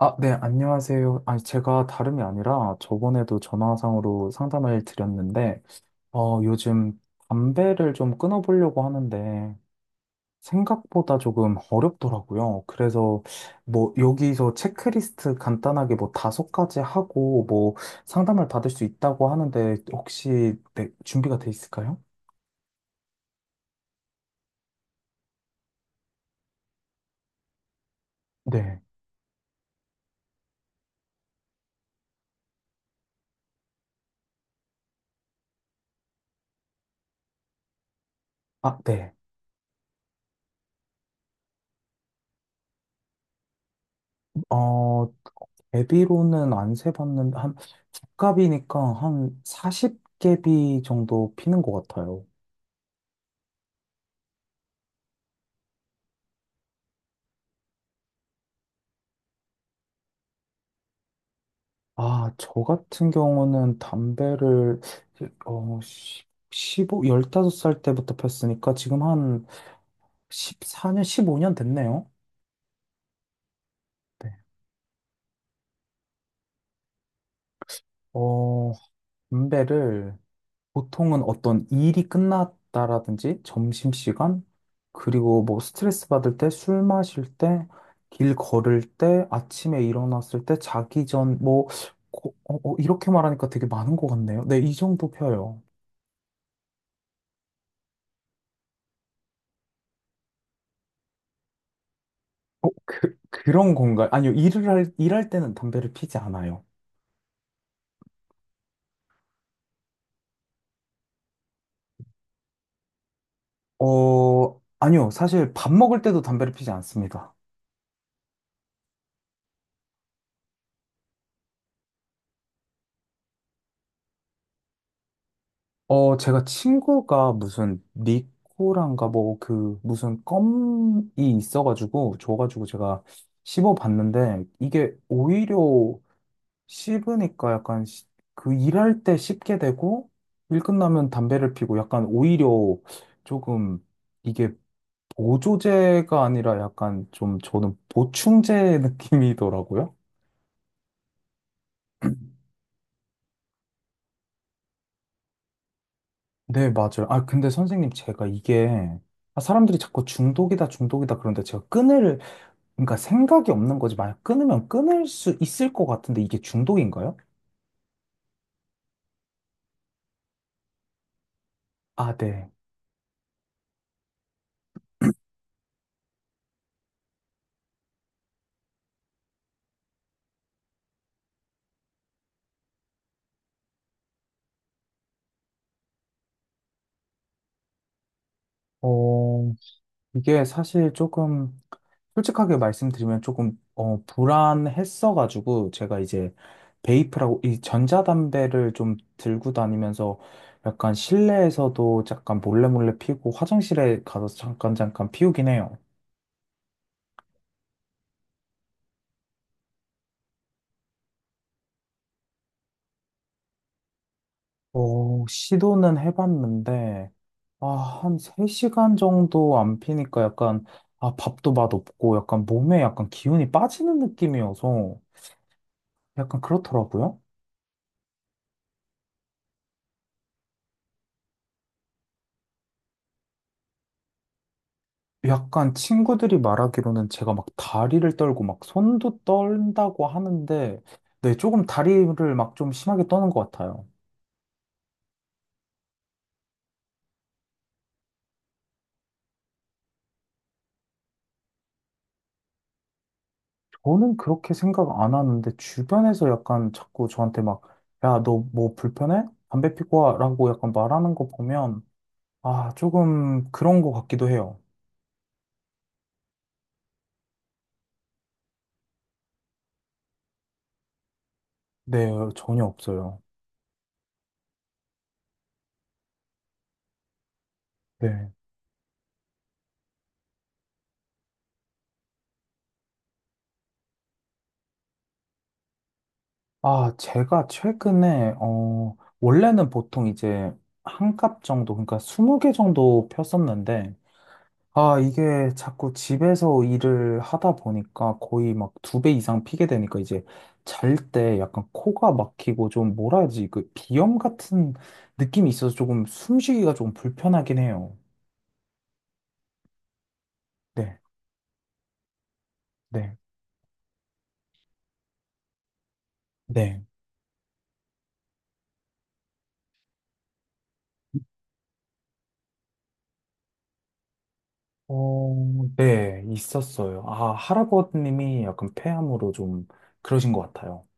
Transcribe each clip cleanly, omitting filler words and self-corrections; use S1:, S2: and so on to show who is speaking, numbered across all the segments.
S1: 아, 네, 안녕하세요. 아니, 제가 다름이 아니라 저번에도 전화상으로 상담을 드렸는데, 요즘 담배를 좀 끊어보려고 하는데, 생각보다 조금 어렵더라고요. 그래서 뭐 여기서 체크리스트 간단하게 뭐 다섯 가지 하고 뭐 상담을 받을 수 있다고 하는데, 혹시 네, 준비가 돼 있을까요? 네. 아, 네. 어, 제비로는 안 세봤는데, 두갑이니까 한 40개비 정도 피는 것 같아요. 아, 저 같은 경우는 담배를, 어, 15, 다섯 살 때부터 폈으니까 지금 한 14년, 15년 됐네요. 네. 어, 담배를 보통은 어떤 일이 끝났다라든지 점심시간, 그리고 뭐 스트레스 받을 때, 술 마실 때, 길 걸을 때, 아침에 일어났을 때, 자기 전, 뭐, 이렇게 말하니까 되게 많은 것 같네요. 네, 이 정도 펴요. 그런 건가요? 아니요, 일할 때는 담배를 피지 않아요. 아니요, 사실 밥 먹을 때도 담배를 피지 않습니다. 제가 친구가 무슨 니코란가 뭐 그 무슨 껌이 있어가지고 줘가지고 제가 씹어봤는데 이게 오히려 씹으니까 약간 그 일할 때 씹게 되고 일 끝나면 담배를 피고 약간 오히려 조금 이게 보조제가 아니라 약간 좀 저는 보충제 느낌이더라고요. 네, 맞아요. 아, 근데 선생님 제가 이게 아, 사람들이 자꾸 중독이다, 중독이다. 그런데 제가 끊을 그러니까 생각이 없는 거지. 만약 끊으면 끊을 수 있을 것 같은데 이게 중독인가요? 아, 네. 어, 이게 사실 조금 솔직하게 말씀드리면 조금 불안했어가지고 제가 이제 베이프라고 이 전자담배를 좀 들고 다니면서 약간 실내에서도 잠깐 몰래 몰래 피우고 화장실에 가서 잠깐 잠깐 피우긴 해요. 시도는 해봤는데, 아, 한 3시간 정도 안 피니까 약간, 아, 밥도 맛없고, 약간 몸에 약간 기운이 빠지는 느낌이어서, 약간 그렇더라고요. 약간 친구들이 말하기로는 제가 막 다리를 떨고 막 손도 떨다고 하는데, 네, 조금 다리를 막 좀 심하게 떠는 것 같아요. 저는 그렇게 생각 안 하는데, 주변에서 약간 자꾸 저한테 막, 야, 너 뭐 불편해? 담배 피고 와? 라고 약간 말하는 거 보면, 아, 조금 그런 것 같기도 해요. 네, 전혀 없어요. 네. 아, 제가 최근에, 원래는 보통 이제 한 값 정도, 그러니까 20개 정도 폈었는데, 아, 이게 자꾸 집에서 일을 하다 보니까 거의 막 두 배 이상 피게 되니까 이제 잘 때 약간 코가 막히고 좀 뭐라 하지, 그 비염 같은 느낌이 있어서 조금 숨쉬기가 조금 불편하긴 해요. 네, 네, 네. 어, 네, 있었어요. 아, 할아버님이 약간 폐암으로 좀 그러신 것 같아요.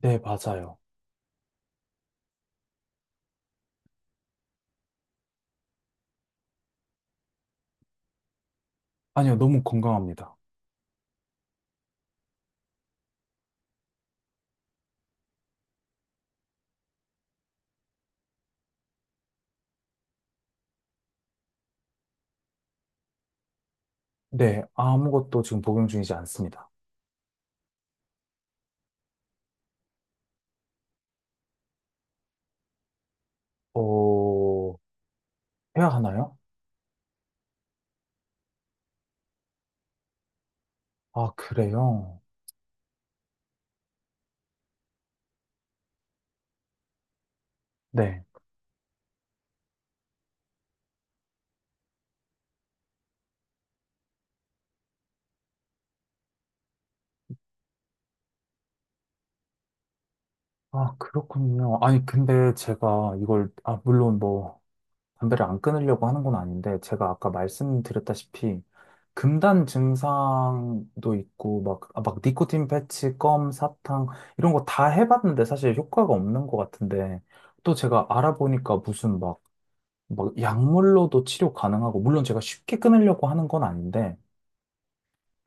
S1: 네, 맞아요. 아니요, 너무 건강합니다. 네, 아무것도 지금 복용 중이지 않습니다. 어, 해야 하나요? 아, 그래요? 네. 아, 그렇군요. 아니, 근데 제가 이걸, 아, 물론 뭐, 담배를 안 끊으려고 하는 건 아닌데, 제가 아까 말씀드렸다시피, 금단 증상도 있고, 막, 아, 막, 니코틴 패치, 껌, 사탕, 이런 거 다 해봤는데 사실 효과가 없는 것 같은데, 또 제가 알아보니까 무슨 약물로도 치료 가능하고, 물론 제가 쉽게 끊으려고 하는 건 아닌데,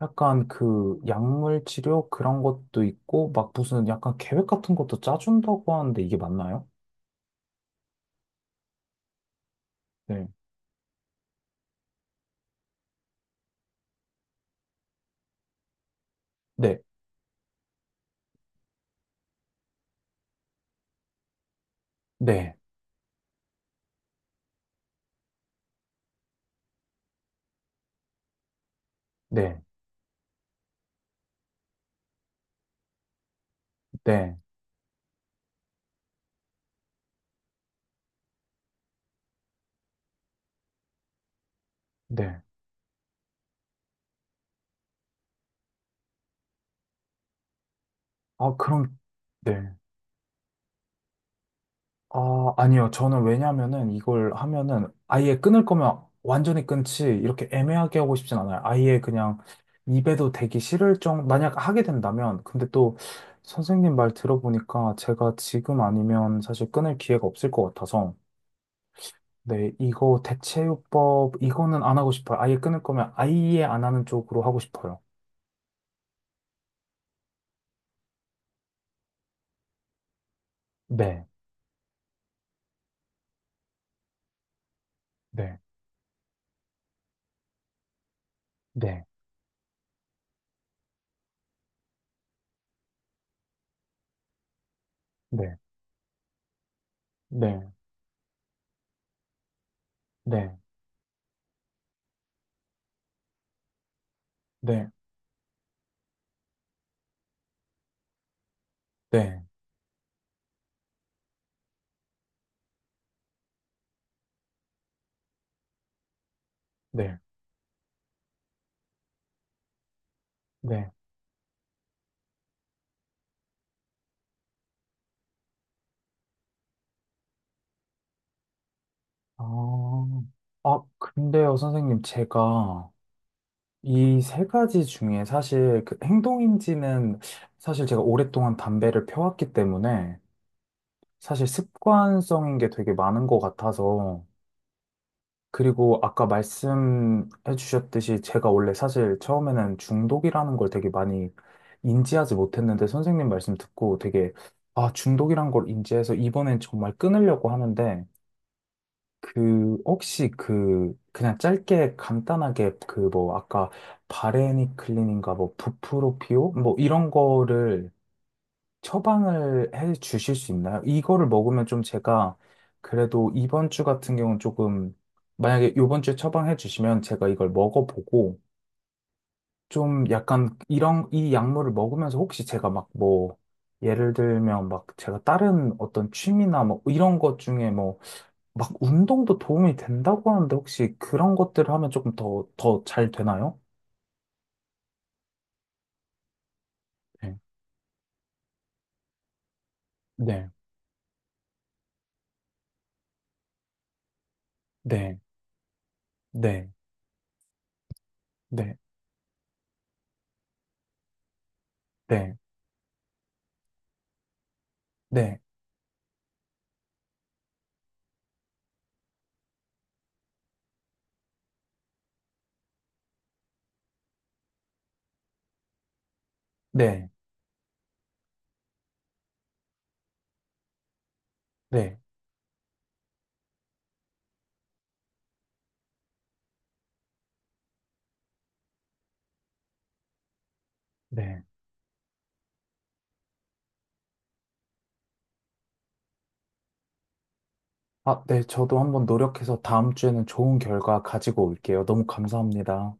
S1: 약간 그 약물 치료 그런 것도 있고, 막 무슨 약간 계획 같은 것도 짜준다고 하는데 이게 맞나요? 네. 네. 네. 네. 네. 네. 아, 그럼, 네. 아, 아니요. 저는 왜냐면은 이걸 하면은 아예 끊을 거면 완전히 끊지, 이렇게 애매하게 하고 싶진 않아요. 아예 그냥 입에도 대기 싫을 만약 하게 된다면. 근데 또 선생님 말 들어보니까 제가 지금 아니면 사실 끊을 기회가 없을 것 같아서. 네, 이거 대체요법, 이거는 안 하고 싶어요. 아예 끊을 거면 아예 안 하는 쪽으로 하고 싶어요. 네, 네, 네, 네, 네, 네, 네, 네, 네. 네. 아, 아, 근데요, 선생님, 제가 이 세 가지 중에 사실 그 행동인지는 사실 제가 오랫동안 담배를 펴왔기 때문에 사실 습관성인 게 되게 많은 것 같아서 그리고 아까 말씀해 주셨듯이 제가 원래 사실 처음에는 중독이라는 걸 되게 많이 인지하지 못했는데 선생님 말씀 듣고 되게 아, 중독이란 걸 인지해서 이번엔 정말 끊으려고 하는데 혹시 그냥 짧게 간단하게 그 뭐, 아까 바레니 클린인가 뭐, 부프로피오? 뭐, 이런 거를 처방을 해 주실 수 있나요? 이거를 먹으면 좀 제가 그래도 이번 주 같은 경우는 조금, 만약에 이번 주에 처방해 주시면 제가 이걸 먹어보고 좀 약간 이 약물을 먹으면서 혹시 제가 막 뭐, 예를 들면 막 제가 다른 어떤 취미나 뭐 이런 것 중에 뭐 막 운동도 도움이 된다고 하는데 혹시 그런 것들을 하면 조금 더 잘 되나요? 네, 네, 네, 네, 네, 네, 네, 네, 네, 네. 아, 네, 저도 한번 노력해서 다음 주에는 좋은 결과 가지고 올게요. 너무 감사합니다.